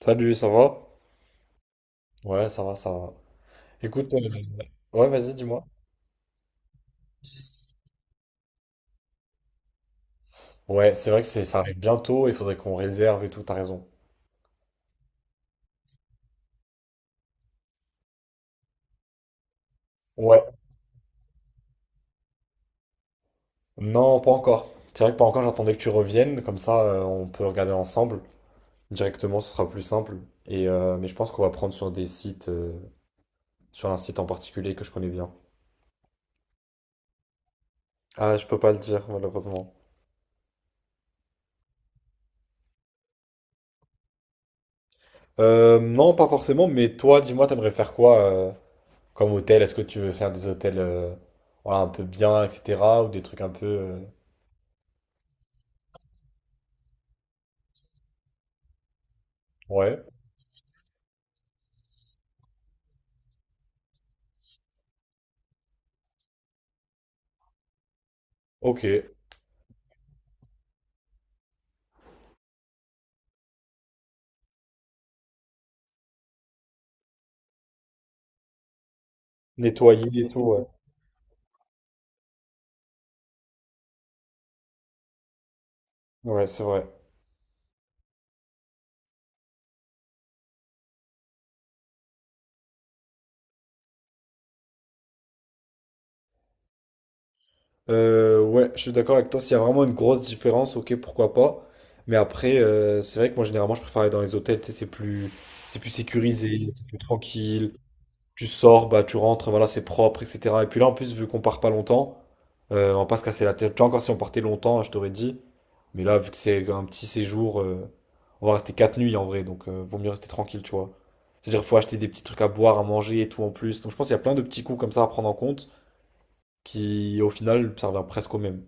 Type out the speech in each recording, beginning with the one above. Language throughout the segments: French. Salut, ça va? Ouais, ça va, ça va. Écoute, ouais, vas-y, dis-moi. Ouais, c'est vrai que ça arrive bientôt il faudrait qu'on réserve et tout, t'as raison. Ouais, non, pas encore. C'est vrai que pas encore, j'attendais que tu reviennes, comme ça on peut regarder ensemble directement, ce sera plus simple. Et mais je pense qu'on va prendre sur des sites, sur un site en particulier que je connais bien. Ah, je peux pas le dire, malheureusement. Non, pas forcément, mais toi, dis-moi, t'aimerais faire quoi comme hôtel? Est-ce que tu veux faire des hôtels voilà, un peu bien, etc., ou des trucs un peu. Ouais, ok. Nettoyer et tout, ouais. Ouais, c'est vrai. Ouais, je suis d'accord avec toi. S'il y a vraiment une grosse différence, ok, pourquoi pas. Mais après, c'est vrai que moi, généralement, je préfère aller dans les hôtels, tu sais, c'est plus sécurisé, c'est plus tranquille. Tu sors, bah, tu rentres, voilà, c'est propre, etc. Et puis là, en plus, vu qu'on part pas longtemps, on va pas se casser la tête. Tu vois, encore si on partait longtemps, je t'aurais dit. Mais là, vu que c'est un petit séjour, on va rester 4 nuits en vrai, donc vaut mieux rester tranquille, tu vois. C'est-à-dire faut acheter des petits trucs à boire, à manger et tout en plus. Donc je pense qu'il y a plein de petits coups comme ça à prendre en compte qui, au final, servent presque au même.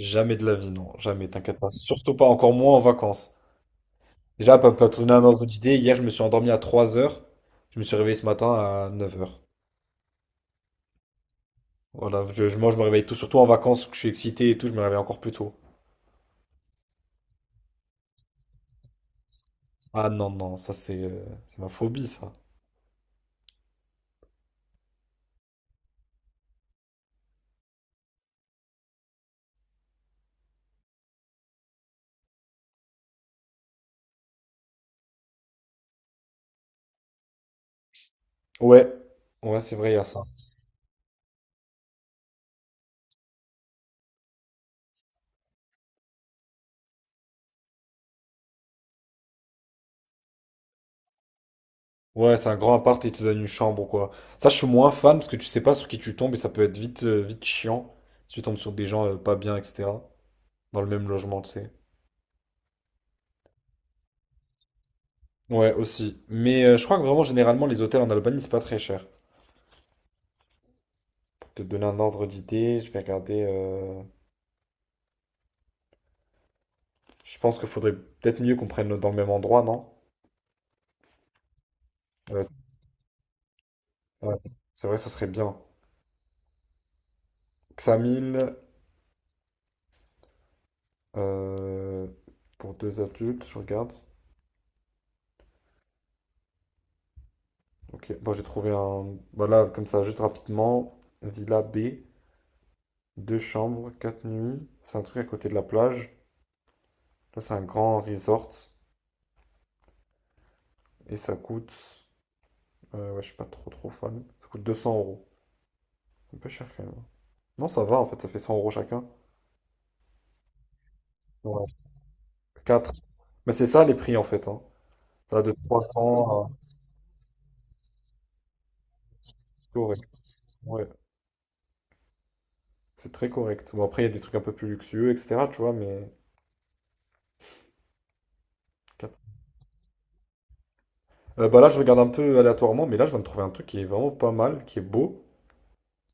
Jamais de la vie, non, jamais, t'inquiète pas. Surtout pas, encore moins en vacances. Déjà, pas te donner un ordre d'idée, hier je me suis endormi à 3 heures, je me suis réveillé ce matin à 9 heures. Voilà, moi je me réveille tout, surtout en vacances, que je suis excité et tout, je me réveille encore plus tôt. Ah non, non, ça c'est ma phobie, ça. Ouais, ouais, c'est vrai, il y a ça. Ouais, c'est un grand appart et ils te donnent une chambre ou quoi. Ça, je suis moins fan parce que tu sais pas sur qui tu tombes et ça peut être vite chiant si tu tombes sur des gens pas bien, etc. Dans le même logement, tu sais. Ouais, aussi. Mais je crois que vraiment, généralement, les hôtels en Albanie, c'est pas très cher. Pour te donner un ordre d'idée, je vais regarder. Je pense qu'il faudrait peut-être mieux qu'on prenne dans le même endroit, non? Euh, ouais, c'est vrai, ça serait bien. Xamil, euh, pour deux adultes, je regarde. Ok, bon, j'ai trouvé un. Voilà, comme ça, juste rapidement. Villa B, deux chambres, 4 nuits. C'est un truc à côté de la plage. Là, c'est un grand resort. Et ça coûte. Ouais, je suis pas trop trop fan. Ça coûte 200 euros. C'est un peu cher quand même. Non, ça va en fait, ça fait 100 euros chacun. Quatre. Mais c'est ça les prix en fait. Hein. T'as de 300 à... C'est correct. Ouais, c'est très correct. Bon, après, il y a des trucs un peu plus luxueux, etc. Tu vois, mais quatre. Bah là, je regarde un peu aléatoirement, mais là, je viens de trouver un truc qui est vraiment pas mal, qui est beau.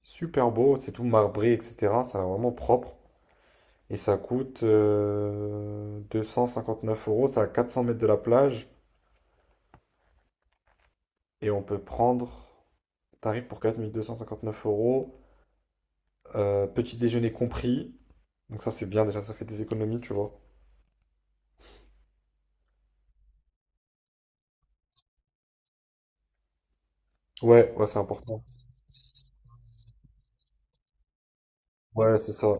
Super beau. C'est tout marbré, etc. Ça a vraiment propre. Et ça coûte 9 euros. Ça à 400 mètres de la plage. Et on peut prendre tarif pour 4 259 euros. Petit déjeuner compris. Donc ça, c'est bien. Déjà, ça fait des économies, tu vois. Ouais, ouais, c'est important. Ouais, c'est ça.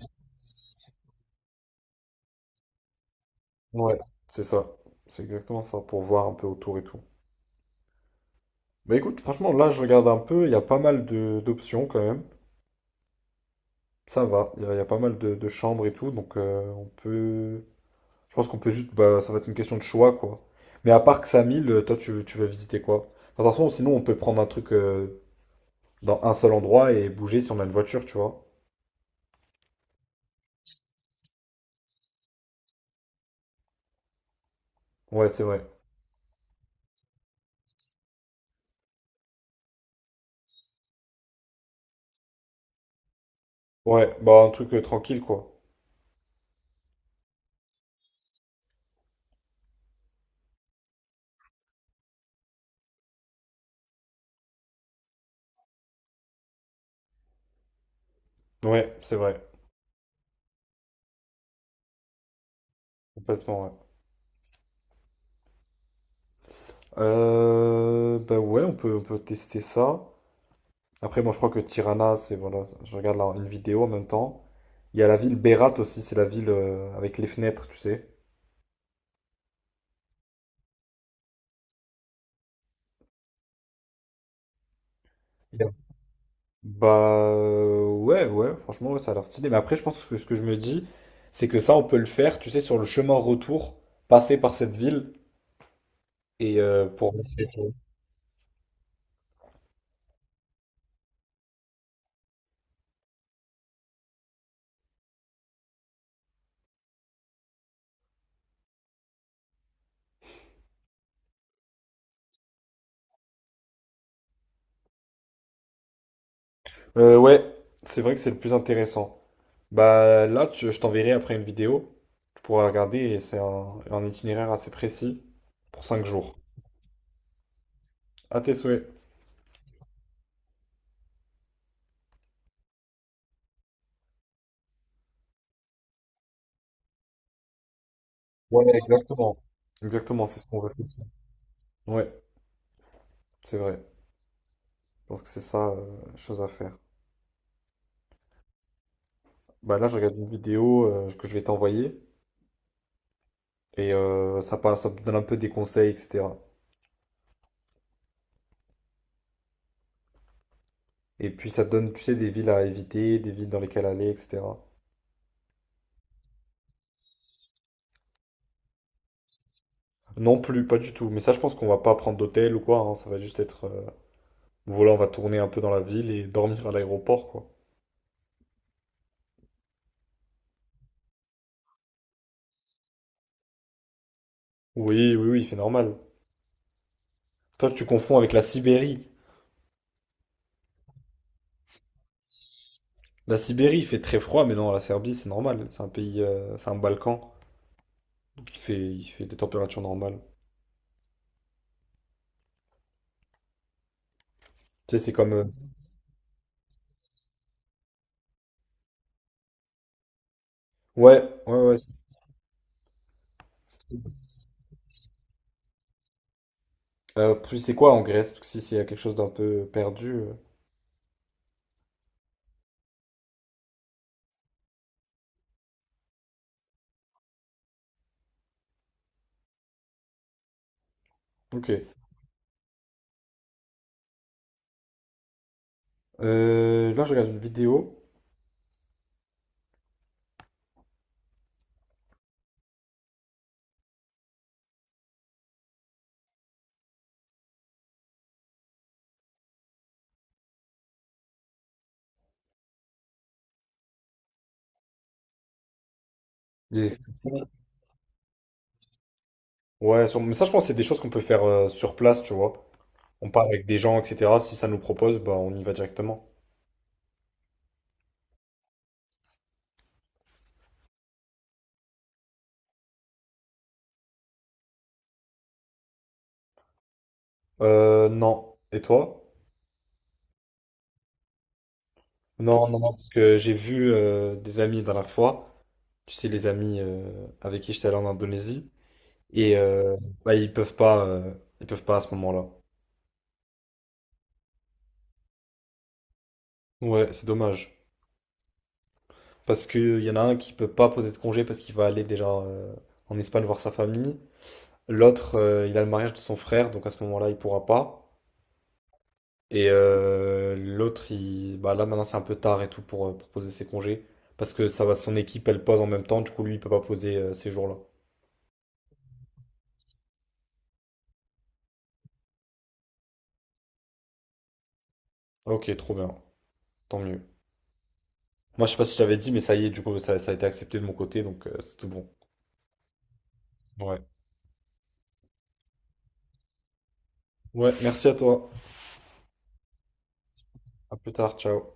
Ouais, c'est ça. C'est exactement ça, pour voir un peu autour et tout. Mais écoute, franchement, là, je regarde un peu, il y a pas mal de d'options quand même. Ça va, il y a pas mal de chambres et tout, donc on peut... Je pense qu'on peut juste... Bah, ça va être une question de choix, quoi. Mais à part que Samil, toi, tu veux visiter quoi? De toute façon, sinon, on peut prendre un truc dans un seul endroit et bouger si on a une voiture, tu vois. Ouais, c'est vrai. Ouais, bah un truc tranquille, quoi. Ouais, c'est vrai. Complètement, ouais. Bah ouais, on peut tester ça. Après, moi, je crois que Tirana, c'est voilà, je regarde là une vidéo en même temps. Il y a la ville Berat aussi, c'est la ville avec les fenêtres, tu sais. Il Bah ouais, ouais, franchement, ouais, ça a l'air stylé. Mais après, je pense que ce que je me dis, c'est que ça, on peut le faire, tu sais, sur le chemin retour, passer par cette ville et pour. Ouais, c'est vrai que c'est le plus intéressant. Bah là, je t'enverrai après une vidéo. Tu pourras regarder et c'est un itinéraire assez précis pour 5 jours. À tes souhaits. Ouais, Exactement, c'est ce qu'on veut faire. Ouais, c'est vrai. Je pense que c'est ça, la chose à faire. Bah là, je regarde une vidéo que je vais t'envoyer et ça parle, ça te donne un peu des conseils, etc. Et puis ça te donne, tu sais, des villes à éviter, des villes dans lesquelles aller, etc. Non plus, pas du tout. Mais ça, je pense qu'on va pas prendre d'hôtel ou quoi. Hein. Ça va juste être, voilà, on va tourner un peu dans la ville et dormir à l'aéroport, quoi. Oui, oui, oui, c'est normal. Toi, tu confonds avec la Sibérie. La Sibérie, il fait très froid, mais non, la Serbie, c'est normal. C'est un pays, c'est un Balkan. Il fait des températures normales. Tu sais, c'est comme. Ouais, ouais, ouais. Puis c'est quoi en Grèce? Parce que si c'est quelque chose d'un peu perdu. Ok. Là, je regarde une vidéo. Et c'est- Ouais, mais ça, je pense que c'est des choses qu'on peut faire sur place, tu vois. On parle avec des gens, etc. Si ça nous propose, bah, on y va directement. Non. Et toi? Non, non, non, parce que j'ai vu des amis la dernière fois. Tu sais, les amis avec qui j'étais allé en Indonésie. Et euh, Bah, ils peuvent pas à ce moment-là. Ouais, c'est dommage. Parce qu'il y en a un qui peut pas poser de congé parce qu'il va aller déjà en Espagne voir sa famille. L'autre, il a le mariage de son frère, donc à ce moment-là, il pourra pas. L'autre, il... bah là maintenant, c'est un peu tard et tout pour poser ses congés. Parce que ça va, son équipe, elle pose en même temps, du coup, lui, il peut pas poser ces jours-là. Ok, trop bien, tant mieux. Moi, je sais pas si je t'avais dit, mais ça y est, du coup, ça a été accepté de mon côté, donc c'est tout bon. Ouais. Ouais, merci à toi. À plus tard, ciao.